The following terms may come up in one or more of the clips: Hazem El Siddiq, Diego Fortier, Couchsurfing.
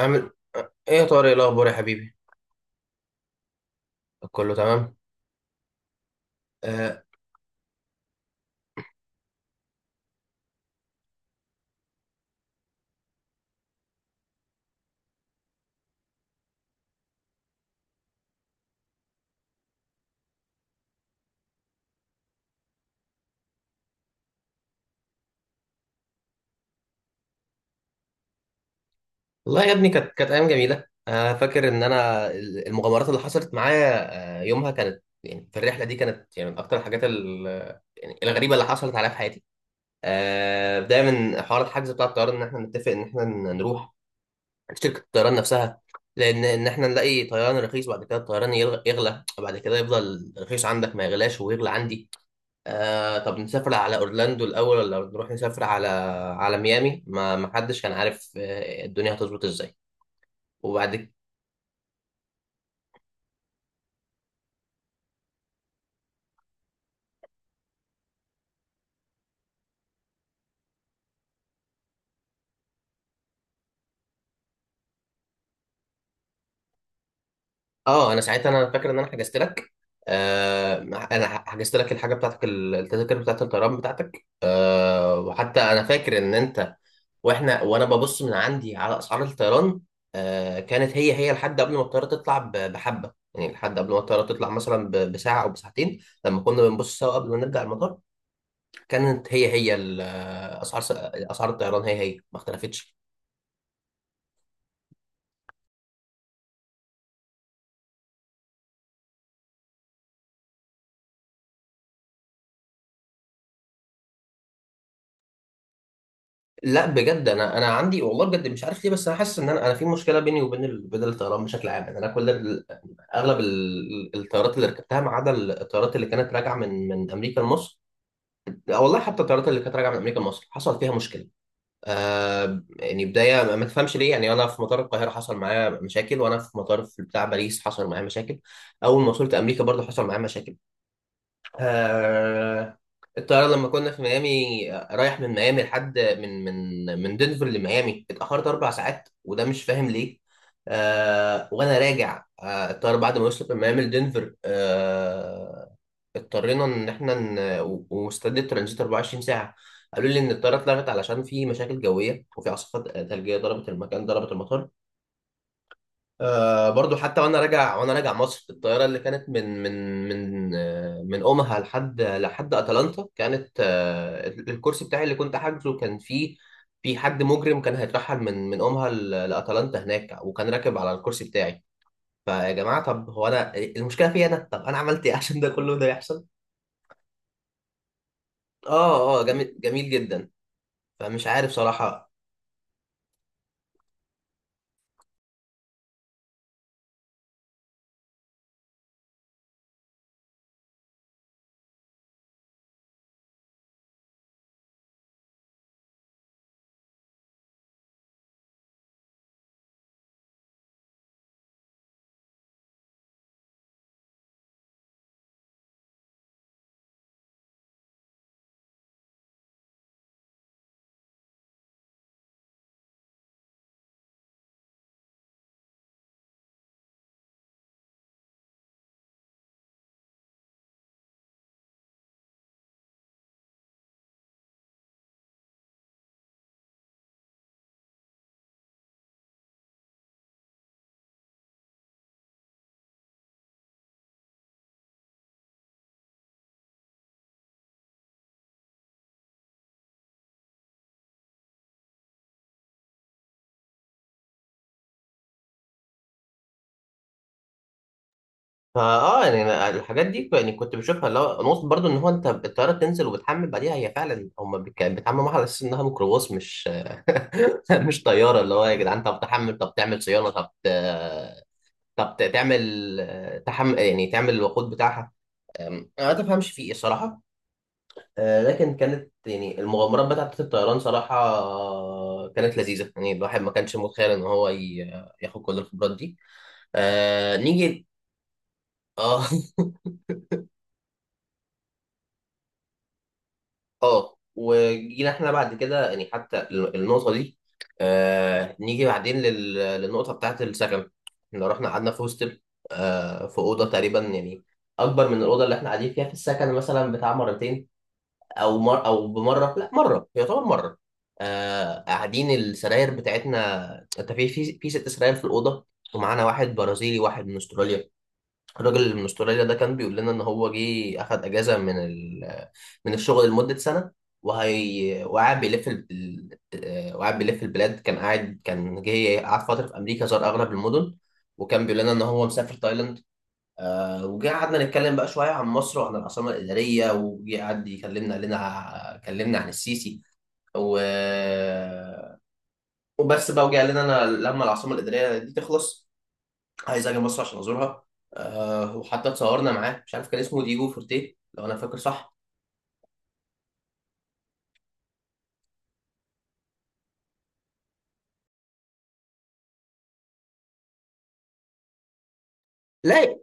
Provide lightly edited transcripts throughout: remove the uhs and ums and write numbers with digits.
عامل ايه يا طارق، إيه الاخبار يا حبيبي؟ كله تمام. آه... والله يا ابني، كانت ايام جميله. انا فاكر ان انا المغامرات اللي حصلت معايا، يومها كانت، يعني في الرحله دي كانت، يعني من اكتر الحاجات يعني الغريبه اللي حصلت عليا في حياتي. بدايه من حوار الحجز بتاع الطيران، ان احنا نتفق ان احنا نروح عند شركه الطيران نفسها، لان ان احنا نلاقي طيران رخيص، بعد كده الطيران يغلى، وبعد كده يفضل رخيص عندك ما يغلاش، ويغلى عندي. طب نسافر على اورلاندو الاول، ولا نروح نسافر على ميامي؟ ما حدش كان عارف الدنيا هتظبط ازاي. وبعد ك- اه، انا ساعتها انا فاكر ان انا حجزت لك. آه انا حجزت لك الحاجه بتاعتك، التذاكر بتاعت الطيران بتاعتك. وحتى انا فاكر ان انت، وانا ببص من عندي على اسعار الطيران، كانت هي لحد قبل ما الطياره تطلع بحبه، يعني لحد قبل ما الطياره تطلع مثلا بساعه او بساعتين. لما كنا بنبص سوا قبل ما نرجع المطار، كانت هي اسعار اسعار الطيران هي ما اختلفتش. لا بجد، انا عندي والله بجد مش عارف ليه، بس انا حاسس ان انا في مشكله بيني وبين بدل الطيران بشكل عام. يعني انا اغلب الطيارات اللي ركبتها ما عدا الطيارات اللي كانت راجعه من امريكا لمصر. لا والله، حتى الطيارات اللي كانت راجعه من امريكا لمصر حصل فيها مشكله. يعني بدايه ما تفهمش ليه، يعني انا في مطار القاهره حصل معايا مشاكل، وانا في مطار في بتاع باريس حصل معايا مشاكل. اول ما وصلت امريكا برضه حصل معايا مشاكل. آه، الطيارة لما كنا في ميامي، رايح من ميامي لحد من دنفر لميامي اتأخرت 4 ساعات، وده مش فاهم ليه. وأنا راجع، الطيارة بعد ما وصلت من ميامي لدنفر، اضطرينا إن إحنا ومستدى الترانزيت 24 ساعة. قالوا لي إن الطيارة اتلغت علشان في مشاكل جوية، وفي عاصفة ثلجية ضربت المكان، ضربت المطار. برضو حتى وانا راجع مصر، في الطياره اللي كانت من اومها لحد اتلانتا، كانت الكرسي بتاعي اللي كنت حاجزه كان فيه حد مجرم كان هيترحل من اومها لاتلانتا هناك، وكان راكب على الكرسي بتاعي. فيا جماعه، طب هو انا المشكله فيا انا؟ طب انا عملت ايه عشان ده كله ده يحصل؟ اه اه، جميل جميل جدا. فمش عارف صراحه. فاه، يعني أنا الحاجات دي يعني كنت بشوفها، اللي هو نقطة برضو ان هو انت الطيارة بتنزل وبتحمل بعديها، هي فعلا هم بيتعاملوا معاها على اساس انها ميكروباص، مش مش طيارة. اللي هو يا جدعان، طب تحمل، طب تعمل صيانة، تعمل تحمل، يعني تعمل الوقود بتاعها. انا ما تفهمش في ايه صراحة. لكن كانت يعني المغامرات بتاعت الطيران صراحة كانت لذيذة، يعني الواحد ما كانش متخيل ان هو ياخد كل الخبرات دي. نيجي. اه اه، وجينا احنا بعد كده يعني حتى النقطه دي. نيجي بعدين للنقطه بتاعت السكن. احنا رحنا قعدنا في هوستل، في اوضه تقريبا يعني اكبر من الاوضه اللي احنا قاعدين فيها في السكن مثلا بتاع مرتين. او بمره، لا، مره يعتبر مره. قاعدين السراير بتاعتنا، انت في 6 سراير في الاوضه. ومعانا واحد برازيلي، واحد من استراليا. الراجل من استراليا ده كان بيقول لنا ان هو جه اخد اجازه من الشغل لمده سنه، وهي وقاعد بيلف ال... آه، وقاعد بيلف البلاد. كان جه قعد فتره في امريكا، زار اغلب المدن، وكان بيقول لنا ان هو مسافر تايلاند. وجه قعدنا نتكلم بقى شويه عن مصر وعن العاصمه الاداريه، وجه قعد يكلمنا، قال لنا كلمنا عن السيسي و... وبس بقى. وجه قال لنا: انا لما العاصمه الاداريه دي تخلص عايز اجي مصر عشان ازورها. وحتى اتصورنا معاه، مش عارف كان اسمه ديجو فورتيه لو انا فاكر صح. لا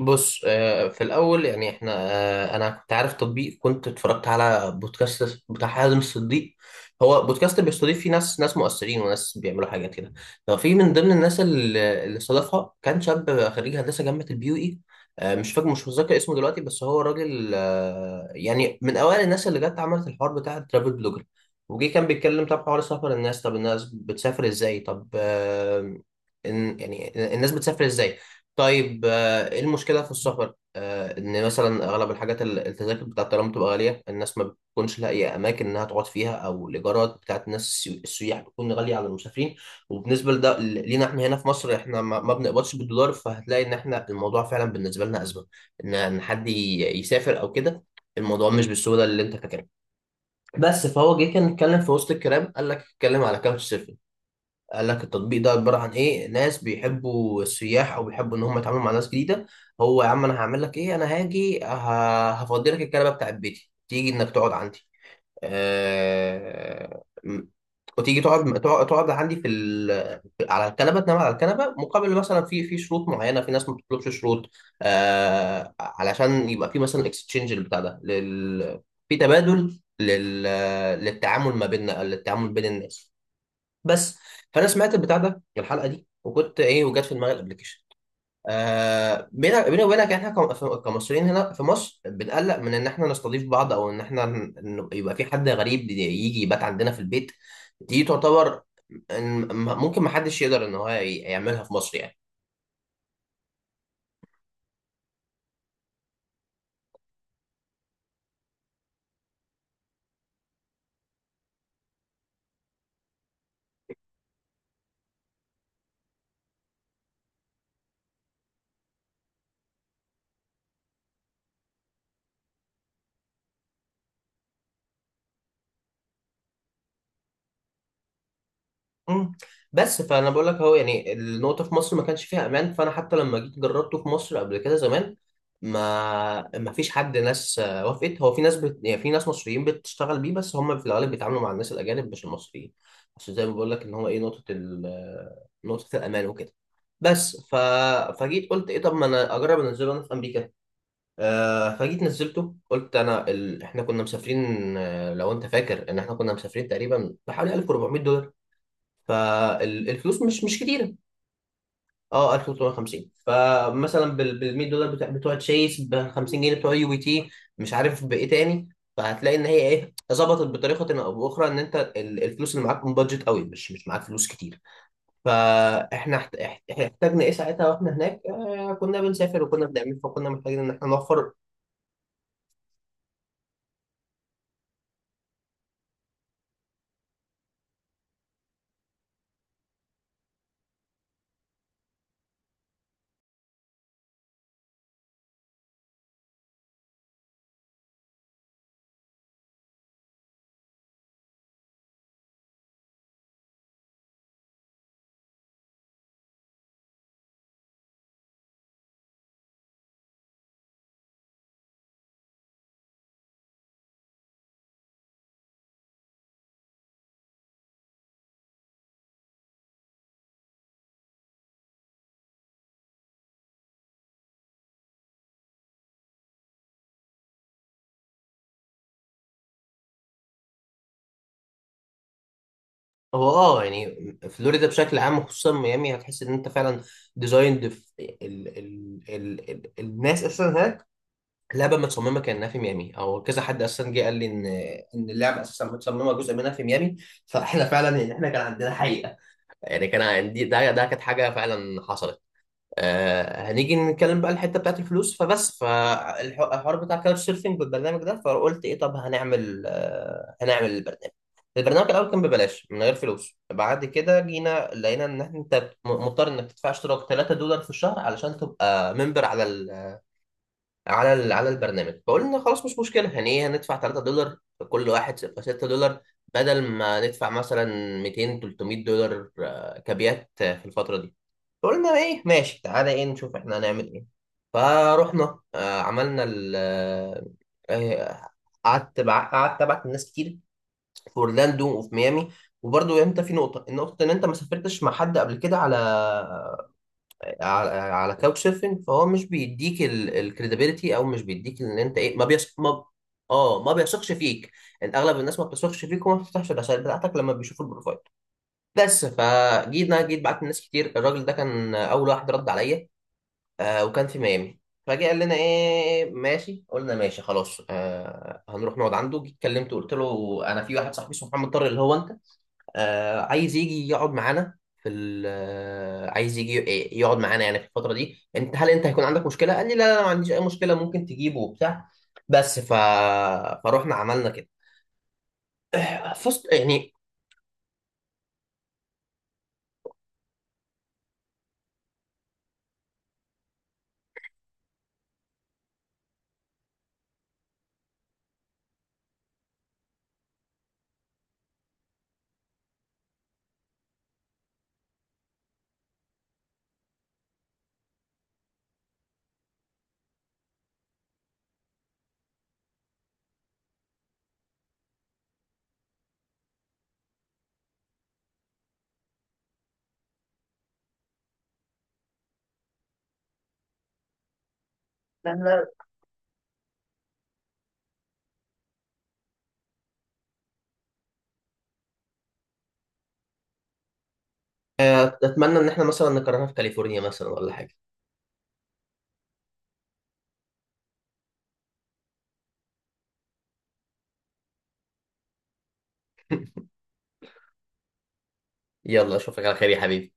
بص، في الاول، يعني احنا، انا كنت عارف تطبيق، كنت اتفرجت على بودكاست بتاع حازم الصديق. هو بودكاست بيستضيف فيه ناس مؤثرين، وناس بيعملوا حاجات كده. ففي من ضمن الناس اللي استضافها، كان شاب خريج هندسه جامعه البيو اي. مش فاكر، مش متذكر اسمه دلوقتي، بس هو راجل، يعني من اوائل الناس اللي جت عملت الحوار بتاع الترافل بلوجر. وجي كان بيتكلم، طب حوار سفر الناس، طب الناس بتسافر ازاي، إن- يعني الناس بتسافر ازاي. طيب، ايه المشكلة في السفر؟ ان مثلا اغلب الحاجات، التذاكر بتاعت الطيران بتبقى غالية، الناس ما بتكونش لاقية اماكن انها تقعد فيها، او الايجارات بتاعت الناس السياح بتكون غالية على المسافرين، وبالنسبة لده لينا احنا هنا في مصر، احنا ما بنقبضش بالدولار، فهتلاقي ان احنا الموضوع فعلا بالنسبة لنا أزمة، إن حد يسافر او كده، الموضوع مش بالسهولة اللي انت فاكرها. بس فهو جه كان اتكلم في وسط الكلام، قال لك اتكلم على كاوتش سيرفنج. قال لك التطبيق ده عبارة عن إيه: ناس بيحبوا السياح، أو بيحبوا إن هم يتعاملوا مع ناس جديدة. هو يا عم، أنا هعمل لك إيه؟ أنا هاجي هفضي لك الكنبة بتاعت بيتي، تيجي إنك تقعد عندي. آه، م- وتيجي تقعد عندي على الكنبه، تنام على الكنبه، مقابل مثلا في شروط معينه. في ناس ما بتطلبش شروط، علشان يبقى في مثلا اكستشينج البتاع ده في تبادل للتعامل ما بيننا، للتعامل بين الناس بس. فانا سمعت البتاع ده الحلقه دي، وكنت ايه، وجت في دماغي الابلكيشن. بينا وبينك، احنا كمصريين هنا في مصر بنقلق من ان احنا نستضيف بعض، او ان احنا إن يبقى في حد غريب يجي يبات عندنا في البيت، دي تعتبر ممكن ما حدش يقدر ان هو يعملها في مصر يعني. مم. بس فانا بقول لك اهو، يعني النقطه في مصر ما كانش فيها امان، فانا حتى لما جيت جربته في مصر قبل كده زمان، ما فيش حد، ناس وافقت. هو في ناس يعني في ناس مصريين بتشتغل بيه، بس هم في الغالب بيتعاملوا مع الناس الاجانب مش المصريين. بس زي ما بقول لك ان هو ايه، نقطه ال... آه، نقطه الامان وكده بس. فجيت قلت ايه، طب ما انا اجرب انزله انا في امريكا. فجيت نزلته قلت انا احنا كنا مسافرين، لو انت فاكر ان احنا كنا مسافرين تقريبا بحوالي 1400، فالفلوس مش كتيره. اه 1350. فمثلا بال $100 بتوع تشيس، ب 50 جنيه بتوع يو بي تي، مش عارف بايه تاني. فهتلاقي ان هي ايه ظبطت بطريقه او باخرى ان انت الفلوس اللي معاك بادجت قوي، مش معاك فلوس كتير. فاحنا احتاجنا ايه ساعتها، واحنا هناك كنا بنسافر وكنا بنعمل، فكنا محتاجين ان احنا نوفر. هو يعني فلوريدا بشكل عام وخصوصا ميامي هتحس ان انت فعلا ديزايند ال ال ال ال الناس اساسا هناك، اللعبه متصممه كانها في ميامي، او كذا حد اساسا جه قال لي ان اللعبه اساسا متصممه جزء منها في ميامي. فاحنا فعلا يعني احنا كان عندنا حقيقه، يعني كان عندي ده كانت حاجه فعلا حصلت. هنيجي نتكلم بقى الحته بتاعت الفلوس، فبس فالحوار بتاع كاوتش سيرفنج والبرنامج ده. فقلت ايه، طب هنعمل البرنامج. البرنامج الاول كان ببلاش من غير فلوس، بعد كده جينا لقينا ان انت مضطر انك تدفع اشتراك $3 في الشهر علشان تبقى ممبر على البرنامج. فقلنا خلاص مش مشكله، يعني ايه هندفع $3، كل واحد يبقى $6، بدل ما ندفع مثلا 200 $300 كابيات في الفتره دي. فقلنا ايه ماشي، تعالى ايه نشوف احنا هنعمل ايه. فروحنا عملنا ال آه، آه، قعدت بع- قعدت ابعت لناس كتير في اورلاندو وفي ميامي. وبرضه انت في نقطه، ان انت ما سافرتش مع حد قبل كده على كاوتش سيرفنج، فهو مش بيديك الكريديبيليتي، او مش بيديك ان انت ايه، ما بيثق ما. اه، ما بيثقش فيك، ان اغلب الناس ما بتثقش فيك، وما بتفتحش الرسائل بتاعتك لما بيشوفوا البروفايل. بس انا جيت بعت لناس كتير، الراجل ده كان اول واحد رد عليا، وكان في ميامي. فجه قال لنا ايه ماشي، قلنا ماشي خلاص، هنروح نقعد عنده. جيت كلمته قلت له: انا في واحد صاحبي اسمه محمد طارق اللي هو انت، عايز يجي يقعد معانا يعني في الفترة دي، هل انت هيكون عندك مشكلة؟ قال لي: لا لا، أنا ما عنديش اي مشكلة، ممكن تجيبه وبتاع. بس ف... فروحنا عملنا كده، فست يعني. لا لا، اتمنى ان احنا مثلا نكررها في كاليفورنيا مثلا ولا حاجة. يلا، اشوفك على خير يا حبيبي.